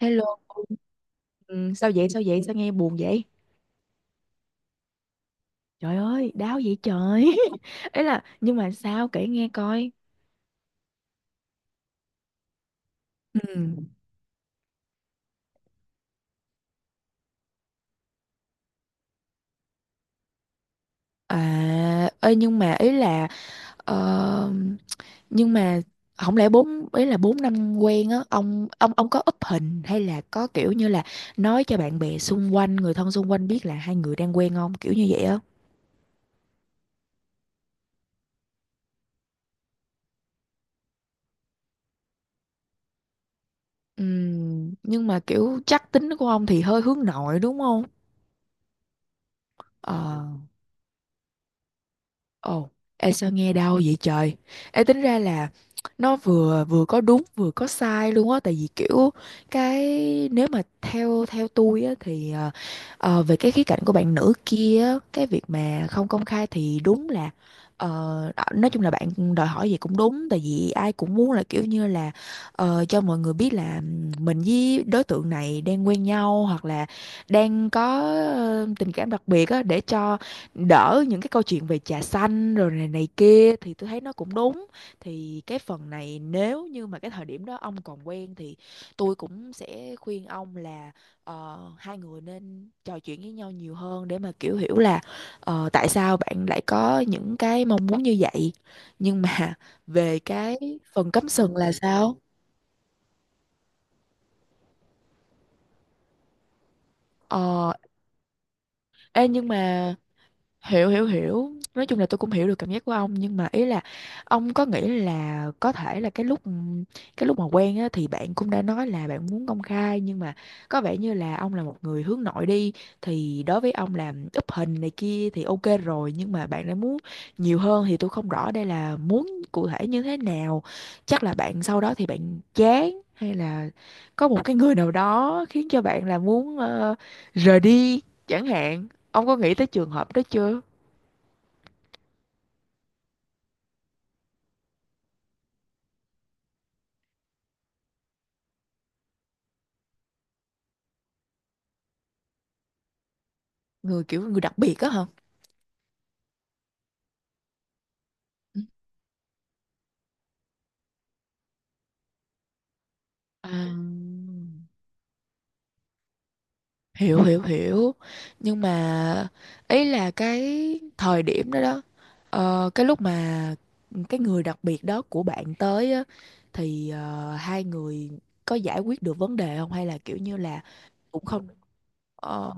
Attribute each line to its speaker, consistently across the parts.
Speaker 1: Hello. Ừ, sao vậy? Sao vậy? Sao nghe buồn vậy? Trời ơi, đau vậy trời. Ý là nhưng mà sao kể nghe coi. Ừ. À, ơi, nhưng mà ý là ờ, nhưng mà không lẽ bốn, ý là bốn năm quen á, ông có up hình hay là có kiểu như là nói cho bạn bè xung quanh, người thân xung quanh biết là hai người đang quen không? Kiểu như vậy á. Ừ, nhưng mà kiểu chắc tính của ông thì hơi hướng nội đúng không? Ờ. Ồ, em sao nghe đau vậy trời? Em tính ra là nó vừa vừa có đúng vừa có sai luôn á, tại vì kiểu cái, nếu mà theo theo tôi á thì về cái khía cạnh của bạn nữ kia á, cái việc mà không công khai thì đúng là ờ, nói chung là bạn đòi hỏi gì cũng đúng, tại vì ai cũng muốn là kiểu như là cho mọi người biết là mình với đối tượng này đang quen nhau, hoặc là đang có tình cảm đặc biệt á, để cho đỡ những cái câu chuyện về trà xanh rồi này này kia, thì tôi thấy nó cũng đúng. Thì cái phần này, nếu như mà cái thời điểm đó ông còn quen thì tôi cũng sẽ khuyên ông là hai người nên trò chuyện với nhau nhiều hơn để mà kiểu hiểu là tại sao bạn lại có những cái mong muốn như vậy, nhưng mà về cái phần cắm sừng là sao. ờ Ê, nhưng mà hiểu hiểu hiểu, nói chung là tôi cũng hiểu được cảm giác của ông, nhưng mà ý là ông có nghĩ là có thể là cái lúc mà quen á, thì bạn cũng đã nói là bạn muốn công khai, nhưng mà có vẻ như là ông là một người hướng nội đi, thì đối với ông là úp hình này kia thì ok rồi, nhưng mà bạn đã muốn nhiều hơn thì tôi không rõ đây là muốn cụ thể như thế nào. Chắc là bạn sau đó thì bạn chán, hay là có một cái người nào đó khiến cho bạn là muốn rời đi chẳng hạn. Ông có nghĩ tới trường hợp đó chưa? Người, kiểu người đặc biệt á hả? Ừ. À. Hiểu hiểu hiểu, nhưng mà ý là cái thời điểm đó đó cái lúc mà cái người đặc biệt đó của bạn tới á, thì hai người có giải quyết được vấn đề không, hay là kiểu như là cũng không ờ,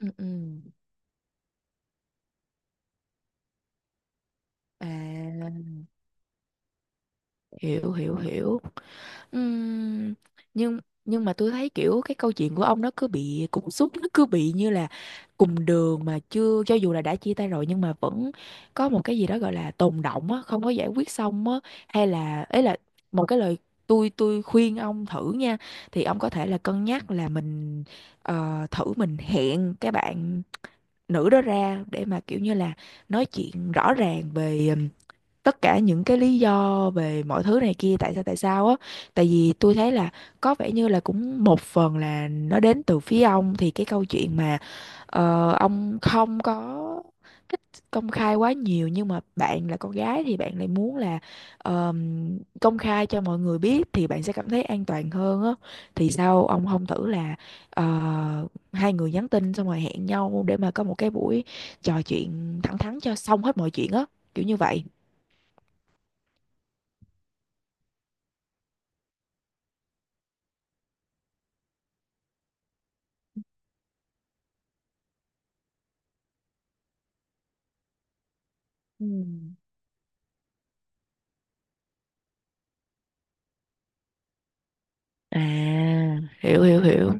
Speaker 1: ừ, ừ. À, hiểu hiểu hiểu. Ừm, nhưng nhưng mà tôi thấy kiểu cái câu chuyện của ông nó cứ bị cục súc, nó cứ bị như là cùng đường mà chưa, cho dù là đã chia tay rồi nhưng mà vẫn có một cái gì đó gọi là tồn đọng á, không có giải quyết xong á, hay là ấy là một cái lời, tôi khuyên ông thử nha, thì ông có thể là cân nhắc là mình thử mình hẹn cái bạn nữ đó ra để mà kiểu như là nói chuyện rõ ràng về tất cả những cái lý do về mọi thứ này kia, tại sao á, tại vì tôi thấy là có vẻ như là cũng một phần là nó đến từ phía ông, thì cái câu chuyện mà ông không có thích công khai quá nhiều, nhưng mà bạn là con gái thì bạn lại muốn là công khai cho mọi người biết thì bạn sẽ cảm thấy an toàn hơn á, thì sao ông không thử là ờ, hai người nhắn tin xong rồi hẹn nhau để mà có một cái buổi trò chuyện thẳng thắn cho xong hết mọi chuyện á, kiểu như vậy. Ừ. À, hiểu hiểu hiểu.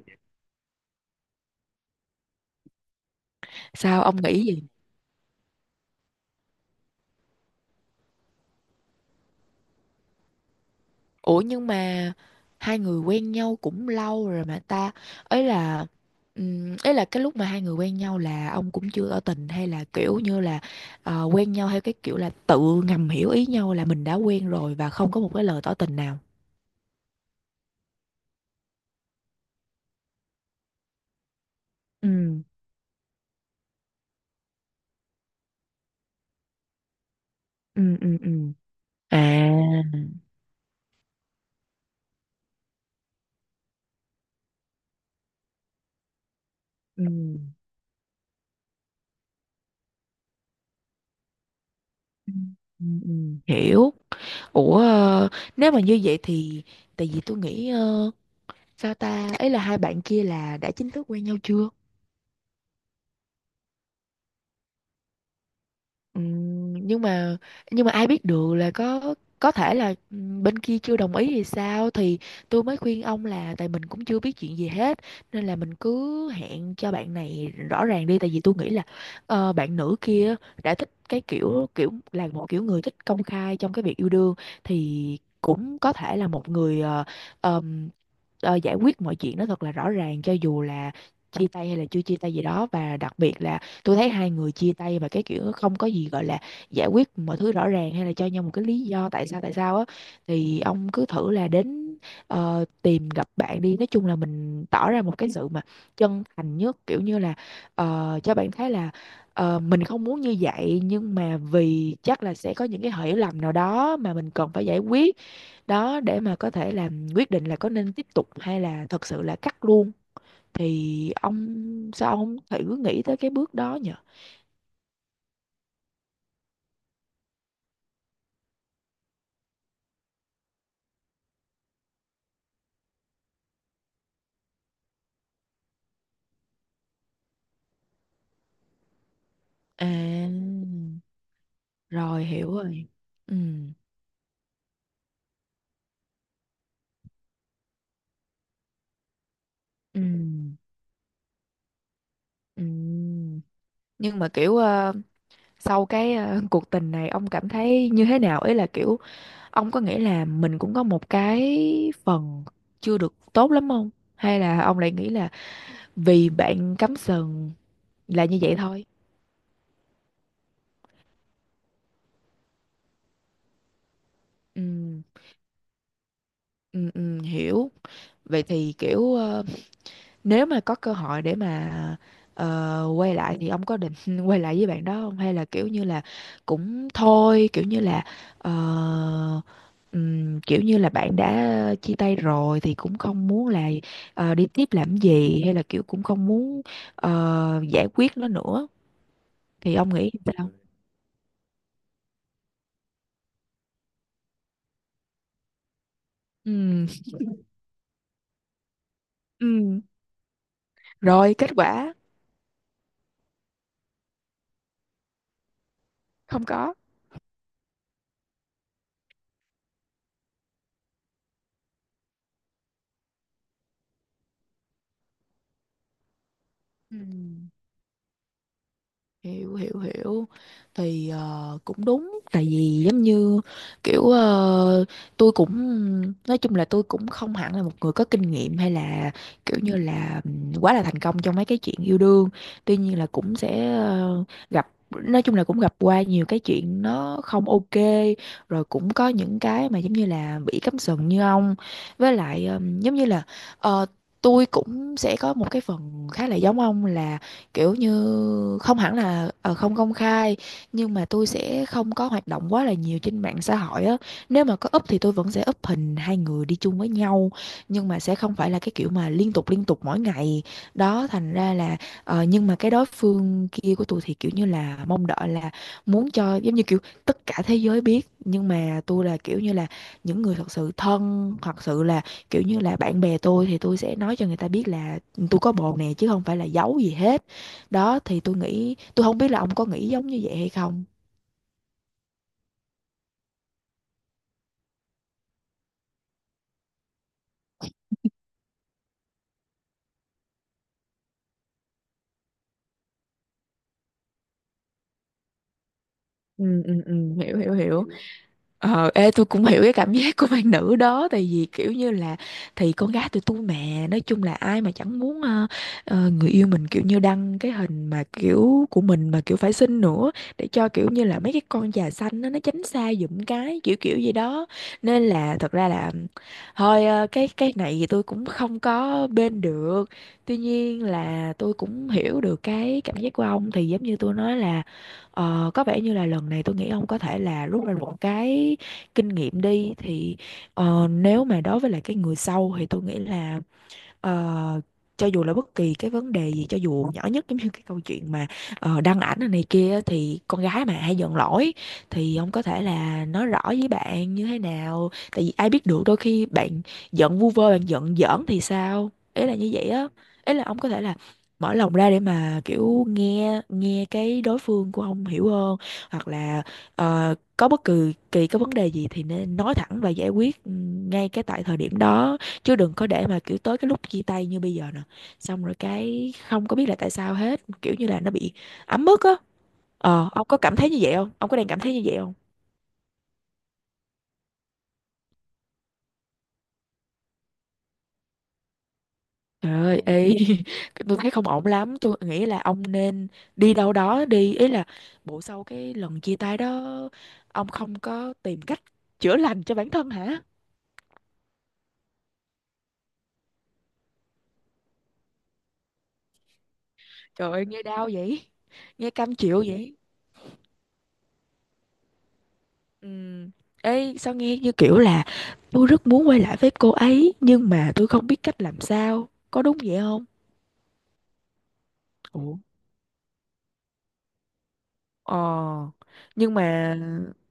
Speaker 1: Sao ông nghĩ gì? Ủa nhưng mà hai người quen nhau cũng lâu rồi mà ta. Ấy là cái lúc mà hai người quen nhau là ông cũng chưa tỏ tình, hay là kiểu như là quen nhau theo cái kiểu là tự ngầm hiểu ý nhau là mình đã quen rồi và không có một cái lời tỏ tình nào. Ừ, ừ, ừ, ừ. À, ừ. Ừ. Ừ, ừ, hiểu. Ủa, nếu mà như vậy thì, tại vì tôi nghĩ sao ta, ấy là hai bạn kia là đã chính thức quen nhau chưa? Ừm, nhưng mà nhưng mà ai biết được là có thể là bên kia chưa đồng ý thì sao, thì tôi mới khuyên ông là tại mình cũng chưa biết chuyện gì hết, nên là mình cứ hẹn cho bạn này rõ ràng đi, tại vì tôi nghĩ là bạn nữ kia đã thích cái kiểu kiểu là một kiểu người thích công khai trong cái việc yêu đương, thì cũng có thể là một người ờm, giải quyết mọi chuyện nó thật là rõ ràng, cho dù là chia tay hay là chưa chia tay gì đó. Và đặc biệt là tôi thấy hai người chia tay và cái kiểu không có gì gọi là giải quyết mọi thứ rõ ràng, hay là cho nhau một cái lý do tại sao á, thì ông cứ thử là đến tìm gặp bạn đi, nói chung là mình tỏ ra một cái sự mà chân thành nhất, kiểu như là cho bạn thấy là mình không muốn như vậy, nhưng mà vì chắc là sẽ có những cái hiểu lầm nào đó mà mình cần phải giải quyết, đó để mà có thể làm quyết định là có nên tiếp tục hay là thật sự là cắt luôn, thì ông sao ông thử nghĩ tới cái bước đó nhỉ. À, rồi hiểu rồi. Ừ, ừ, ừ. Nhưng mà kiểu sau cái cuộc tình này ông cảm thấy như thế nào? Ý là kiểu ông có nghĩ là mình cũng có một cái phần chưa được tốt lắm không? Hay là ông lại nghĩ là vì bạn cắm sừng là như vậy thôi? Ừ, ừ, ừ, hiểu. Vậy thì kiểu nếu mà có cơ hội để mà quay lại thì ông có định quay lại với bạn đó không? Hay là kiểu như là cũng thôi, kiểu như là ờ, kiểu như là bạn đã chia tay rồi thì cũng không muốn là đi tiếp làm gì, hay là kiểu cũng không muốn giải quyết nó nữa, thì ông nghĩ sao? Ừ, ừ. Rồi kết quả không có. Ừ. Hiểu hiểu hiểu, thì cũng đúng, tại vì giống như kiểu tôi cũng, nói chung là tôi cũng không hẳn là một người có kinh nghiệm, hay là kiểu như là quá là thành công trong mấy cái chuyện yêu đương, tuy nhiên là cũng sẽ gặp, nói chung là cũng gặp qua nhiều cái chuyện nó không ok, rồi cũng có những cái mà giống như là bị cắm sừng như ông, với lại giống như là ờ, tôi cũng sẽ có một cái phần khá là giống ông, là kiểu như không hẳn là không công khai, nhưng mà tôi sẽ không có hoạt động quá là nhiều trên mạng xã hội á, nếu mà có up thì tôi vẫn sẽ up hình hai người đi chung với nhau, nhưng mà sẽ không phải là cái kiểu mà liên tục mỗi ngày đó, thành ra là nhưng mà cái đối phương kia của tôi thì kiểu như là mong đợi là muốn cho giống như kiểu tất cả thế giới biết, nhưng mà tôi là kiểu như là những người thật sự thân, thật sự là kiểu như là bạn bè tôi, thì tôi sẽ nói cho người ta biết là tôi có bồ nè, chứ không phải là giấu gì hết đó, thì tôi nghĩ, tôi không biết là ông có nghĩ giống như vậy hay không? Hiểu, hiểu, hiểu. Ờ, ê, tôi cũng hiểu cái cảm giác của bạn nữ đó, tại vì kiểu như là thì con gái tụi tôi mà, nói chung là ai mà chẳng muốn người yêu mình kiểu như đăng cái hình mà kiểu của mình mà kiểu phải xinh nữa, để cho kiểu như là mấy cái con già xanh nó tránh xa giùm, cái kiểu kiểu gì đó, nên là thật ra là thôi cái này thì tôi cũng không có bên được, tuy nhiên là tôi cũng hiểu được cái cảm giác của ông, thì giống như tôi nói là, ờ, có vẻ như là lần này tôi nghĩ ông có thể là rút ra một cái kinh nghiệm đi, thì nếu mà đối với lại cái người sau thì tôi nghĩ là, ờ, cho dù là bất kỳ cái vấn đề gì, cho dù nhỏ nhất, giống như cái câu chuyện mà đăng ảnh này này kia á, thì con gái mà hay giận lỗi, thì ông có thể là nói rõ với bạn như thế nào, tại vì ai biết được đôi khi bạn giận vu vơ, bạn giận giỡn thì sao, ý là như vậy á, ý là ông có thể là mở lòng ra để mà kiểu nghe nghe cái đối phương của ông hiểu hơn, hoặc là có bất kỳ kỳ cái vấn đề gì thì nên nói thẳng và giải quyết ngay cái tại thời điểm đó, chứ đừng có để mà kiểu tới cái lúc chia tay như bây giờ nè, xong rồi cái không có biết là tại sao hết, kiểu như là nó bị ấm ức á. Ờ, ông có cảm thấy như vậy không, ông có đang cảm thấy như vậy không? Trời ơi, ê, tôi thấy không ổn lắm, tôi nghĩ là ông nên đi đâu đó đi, ý là bộ sau cái lần chia tay đó ông không có tìm cách chữa lành cho bản thân hả? Trời ơi nghe đau vậy, nghe cam chịu vậy. Ừm. Ê, sao nghe như kiểu là tôi rất muốn quay lại với cô ấy nhưng mà tôi không biết cách làm sao. Có đúng vậy không? Ủa. Ờ, nhưng mà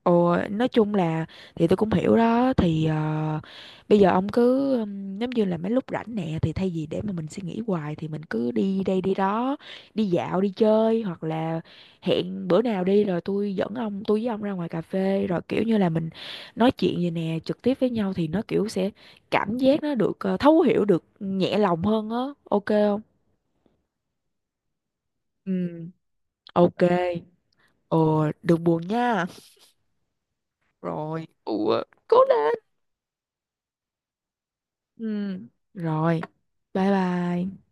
Speaker 1: ồ, nói chung là thì tôi cũng hiểu đó, thì bây giờ ông cứ giống như là mấy lúc rảnh nè, thì thay vì để mà mình suy nghĩ hoài thì mình cứ đi đây đi đó, đi dạo đi chơi, hoặc là hẹn bữa nào đi rồi tôi với ông ra ngoài cà phê, rồi kiểu như là mình nói chuyện vậy nè trực tiếp với nhau, thì nó kiểu sẽ cảm giác nó được thấu hiểu, được nhẹ lòng hơn á, ok không? Ừ, ok. Ồ, đừng buồn nha. Rồi, ủa cố lên. Ừ, rồi, bye bye.